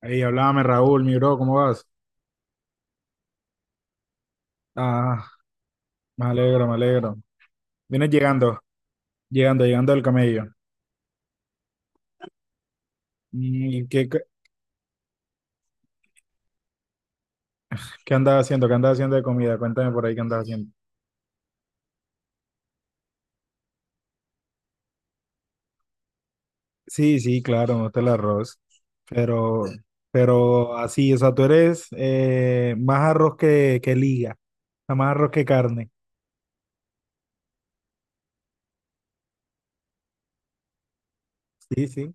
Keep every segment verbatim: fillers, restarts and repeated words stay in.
Ahí, hablame Raúl, mi bro, ¿cómo vas? Ah, me alegro, me alegro. Vienes llegando, llegando, llegando del camello. ¿Y qué, qué, qué andas haciendo? ¿Qué andas haciendo de comida? Cuéntame por ahí qué andas haciendo. Sí, sí, claro, me gusta el arroz. Pero, pero así, o sea, tú eres eh, más arroz que, que liga, o sea, más arroz que carne. Sí, sí.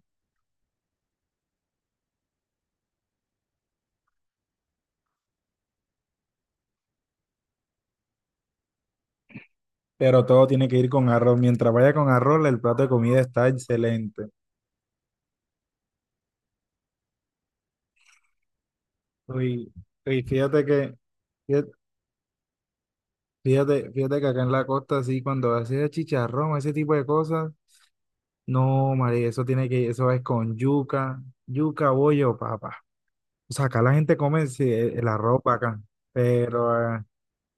Pero todo tiene que ir con arroz. Mientras vaya con arroz, el plato de comida está excelente. Uy, uy, fíjate que, fíjate Fíjate, fíjate que acá en la costa, sí, cuando haces chicharrón, ese tipo de cosas, no, María, eso tiene que, eso es con yuca, yuca, bollo, papá. O sea, acá la gente come sí, e, el, la ropa acá, pero eh,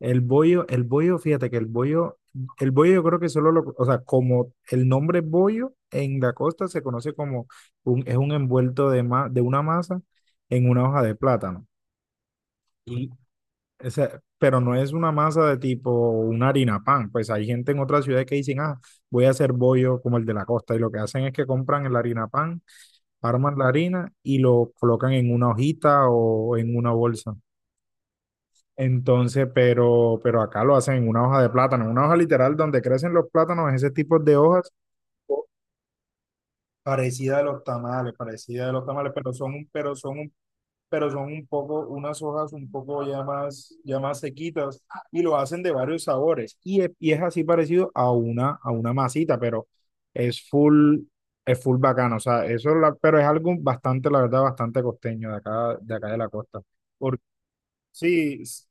el bollo, el bollo, fíjate que el bollo, el bollo yo creo que solo lo, o sea, como el nombre bollo en la costa se conoce como un, es un envuelto de, ma- de una masa en una hoja de plátano. Esa- pero no es una masa de tipo una harina pan. Pues hay gente en otras ciudades que dicen, ah, voy a hacer bollo como el de la costa. Y lo que hacen es que compran el harina pan, arman la harina y lo colocan en una hojita o en una bolsa. Entonces, pero, pero acá lo hacen en una hoja de plátano, una hoja literal donde crecen los plátanos, ese tipo de hojas. o- Parecida a los tamales, parecida a los tamales, pero son, un- pero son un pero son un poco, unas hojas un poco ya más, ya más sequitas y lo hacen de varios sabores. Y es, y es así parecido a una, a una masita, pero es full, es full bacano. O sea, eso, es la- pero es algo bastante, la verdad, bastante costeño de acá, de acá de la costa. Porque sí, s-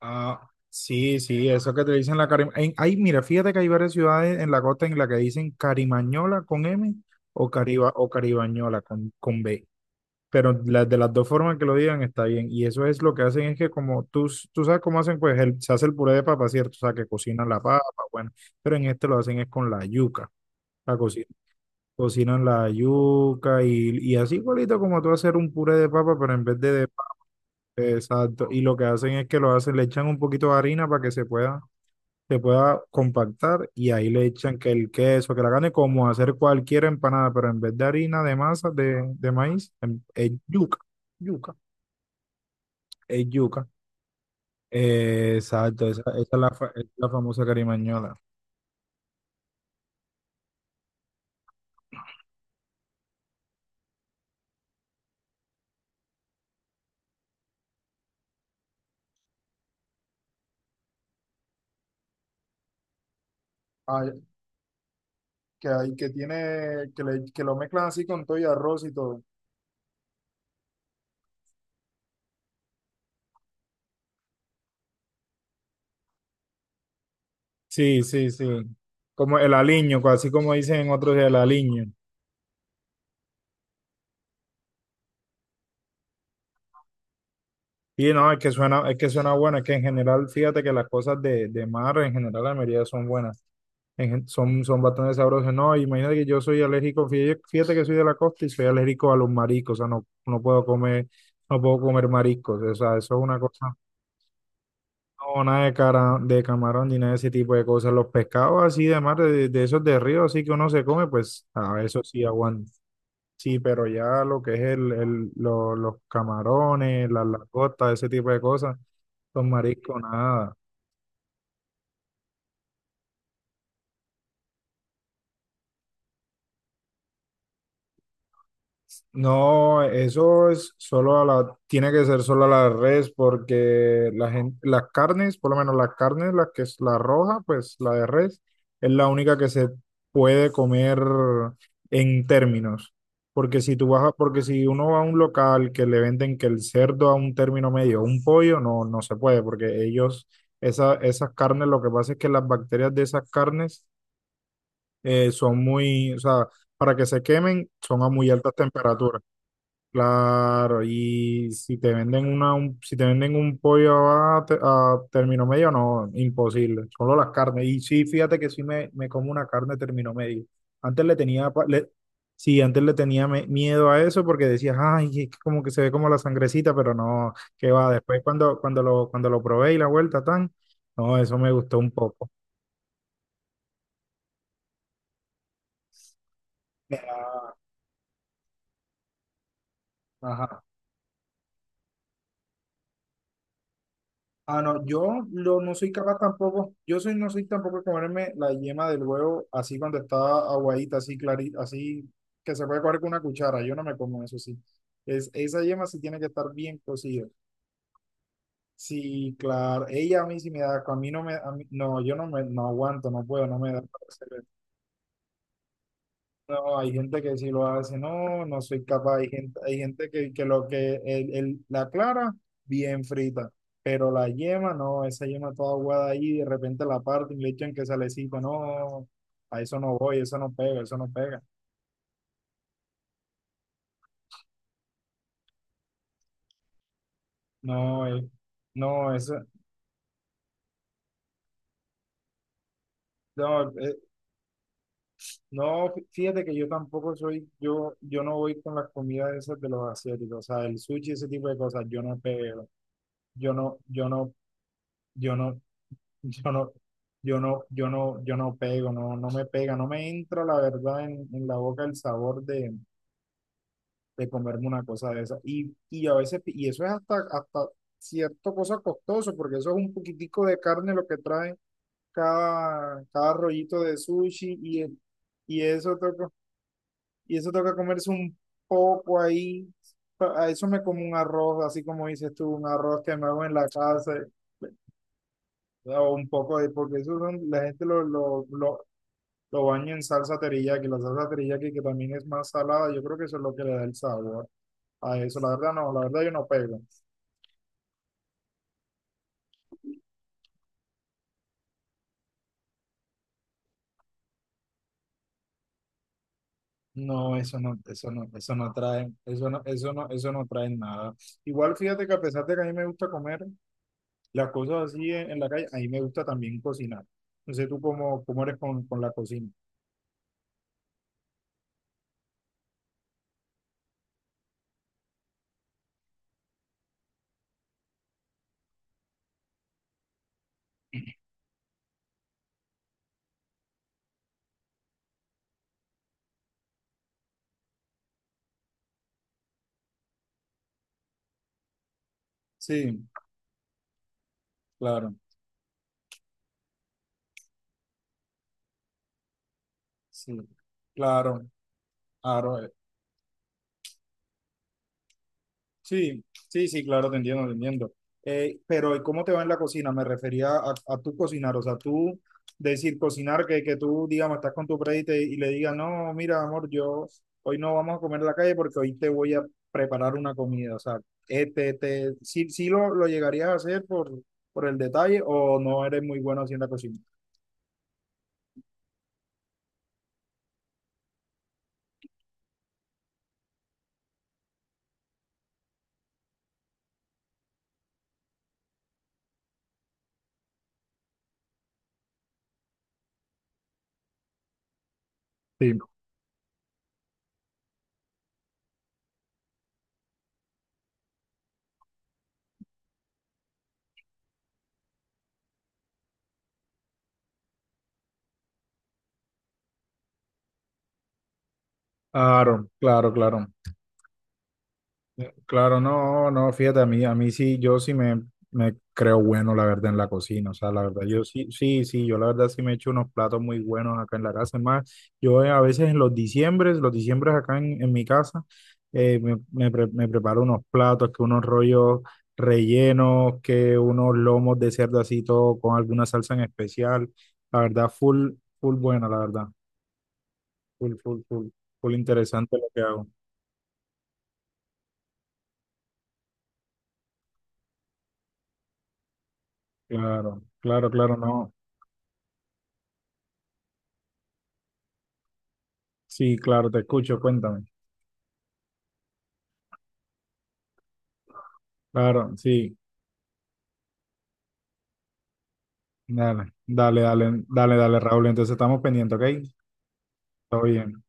ah, sí, sí, eso que te dicen la cari- ay mira, fíjate que hay varias ciudades en la costa en la que dicen carimañola con M o cariba, o caribañola con, con B. pero la- de las dos formas que lo digan está bien. Y eso es lo que hacen, es que como tú, s- tú sabes cómo hacen, pues el- se hace el puré de papa, ¿cierto? O sea, que cocinan la papa, bueno, pero en este lo hacen es con la yuca. La coci- Cocinan la yuca y, y así igualito como tú hacer un puré de papa, pero en vez de, de pa- exacto. Y lo que hacen es que lo hacen, le echan un poquito de harina para que se pueda, se pueda compactar y ahí le echan que el queso, que la carne, como hacer cualquier empanada, pero en vez de harina de masa de, de maíz, em- es yuca, yuca. Es yuca. Eh, exacto, esa, esa es la, fa- es la famosa carimañola. Ah, que hay, que tiene, que, le- que lo mezclan así con todo y arroz y todo. Sí, sí, sí. Como el aliño, así como dicen en otros, el aliño. Y no, es que suena, es que suena bueno, es que en general, fíjate que las cosas de, de mar, en general, la mayoría son buenas. en gen- son, son bastante sabrosas. No, imagínate que yo soy alérgico, fí- fíjate que soy de la costa y soy alérgico a los mariscos, o sea, no, no puedo comer, no puedo comer mariscos, o sea, eso es una cosa. No, nada de, cara, de camarón ni nada de ese tipo de cosas. Los pescados así de mar, de, de esos de río, así que uno se come, pues a eso sí aguanta. Sí, pero ya lo que es el, el- lo- los camarones, las langostas, ese tipo de cosas, los mariscos, nada. No, eso es solo a la, tiene que ser solo a la res porque la gente, las carnes, por lo menos las carnes, la que es la roja, pues la de res, es la única que se puede comer en términos. Porque si tú vas a- porque si uno va a un local que le venden que el cerdo a un término medio, un pollo, no, no se puede, porque ellos, esa, esas carnes, lo que pasa es que las bacterias de esas carnes eh, son muy, o sea, para que se quemen, son a muy altas temperaturas. Claro, y si te venden una, un- si te venden un pollo a, te- a término medio, no, imposible. Solo las carnes. Y sí, fíjate que sí me, me como una carne término medio. Antes le tenía, pa- le- sí, antes le tenía me- miedo a eso porque decías, ay, es que como que se ve como la sangrecita, pero no, qué va. Después cuando, cuando lo, cuando lo probé y la vuelta tan, no, eso me gustó un poco. Ajá. Ah, no, yo lo- no soy capaz tampoco, yo soy, no soy tampoco de comerme la yema del huevo así cuando está aguadita, así clarita, así que se puede coger con una cuchara, yo no me como eso, sí. Es, esa yema sí tiene que estar bien cocida. Sí, claro, ella a mí sí me da, a mí no me, a mí- no, yo no me, no aguanto, no puedo, no me da. No, hay gente que sí lo hace, no, no soy capaz. Hay gente, hay gente que, que lo que el, el- la clara, bien frita, pero la yema, no, esa yema toda aguada ahí, de repente la parte y le echan que salecito, no, a eso no voy, eso no pega, eso no pega. No, eh, no, eso, no, eh, no, fí- fíjate que yo tampoco soy, yo, yo no voy con las comidas esas de los asiáticos, o sea, el sushi, ese tipo de cosas, yo no pego, yo no, yo no. Yo no, Yo no, yo no, yo no, yo no pego, no, no me pega, no me entra la verdad en, en la boca el sabor de, de comerme una cosa de esa. Y, y a veces, y eso es hasta, hasta cierto cosa costoso, porque eso es un poquitico de carne lo que trae cada, cada rollito de sushi y, el- y eso toca, y eso toca comerse un poco ahí. Pa- A eso me como un arroz, así como dices tú, un arroz que me hago en la casa o un poco de, porque eso son- la gente lo, lo, lo Lo baño en salsa teriyaki, la salsa teriyaki que también es más salada, yo creo que eso es lo que le da el sabor a eso. La verdad no, la verdad yo no pego. No, eso no, eso no, eso no trae, eso no, eso no, eso no trae nada. Igual fíjate que a pesar de que a mí me gusta comer las cosas así en, en la calle, a mí me gusta también cocinar. No sé tú cómo, cómo eres con, con la cocina. Sí, claro, sí, claro, claro. Sí, sí, sí, claro, te entiendo, te entiendo. Eh, pero ¿y cómo te va en la cocina? Me refería a, a tú cocinar, o sea, tú decir cocinar, que, que tú, digamos, estás con tu predi y, te- y le digas, no, mira, amor, yo hoy no vamos a comer en la calle porque hoy te voy a preparar una comida, o sea, este, te, sí, sí lo, lo llegarías a hacer por, por el detalle o no eres muy bueno haciendo la cocina. Sí, claro, claro, claro. Claro, no, no, fíjate, a mí, a mí sí, yo sí me, me creo bueno, la verdad, en la cocina, o sea, la verdad, yo sí, sí, sí, yo la verdad sí me echo unos platos muy buenos acá en la casa, es más, yo eh, a veces en los diciembres, los diciembres acá en, en mi casa, eh, me, me, pre- me preparo unos platos, que unos rollos rellenos, que unos lomos de cerdo así, todo con alguna salsa en especial, la verdad, full, full buena, la verdad, full, full, full, full interesante lo que hago. Claro, claro, claro, no. Sí, claro, te escucho, cuéntame. Claro, sí, dale, dale, dale, dale, dale, Raúl. Entonces estamos pendientes, ¿ok? Todo bien.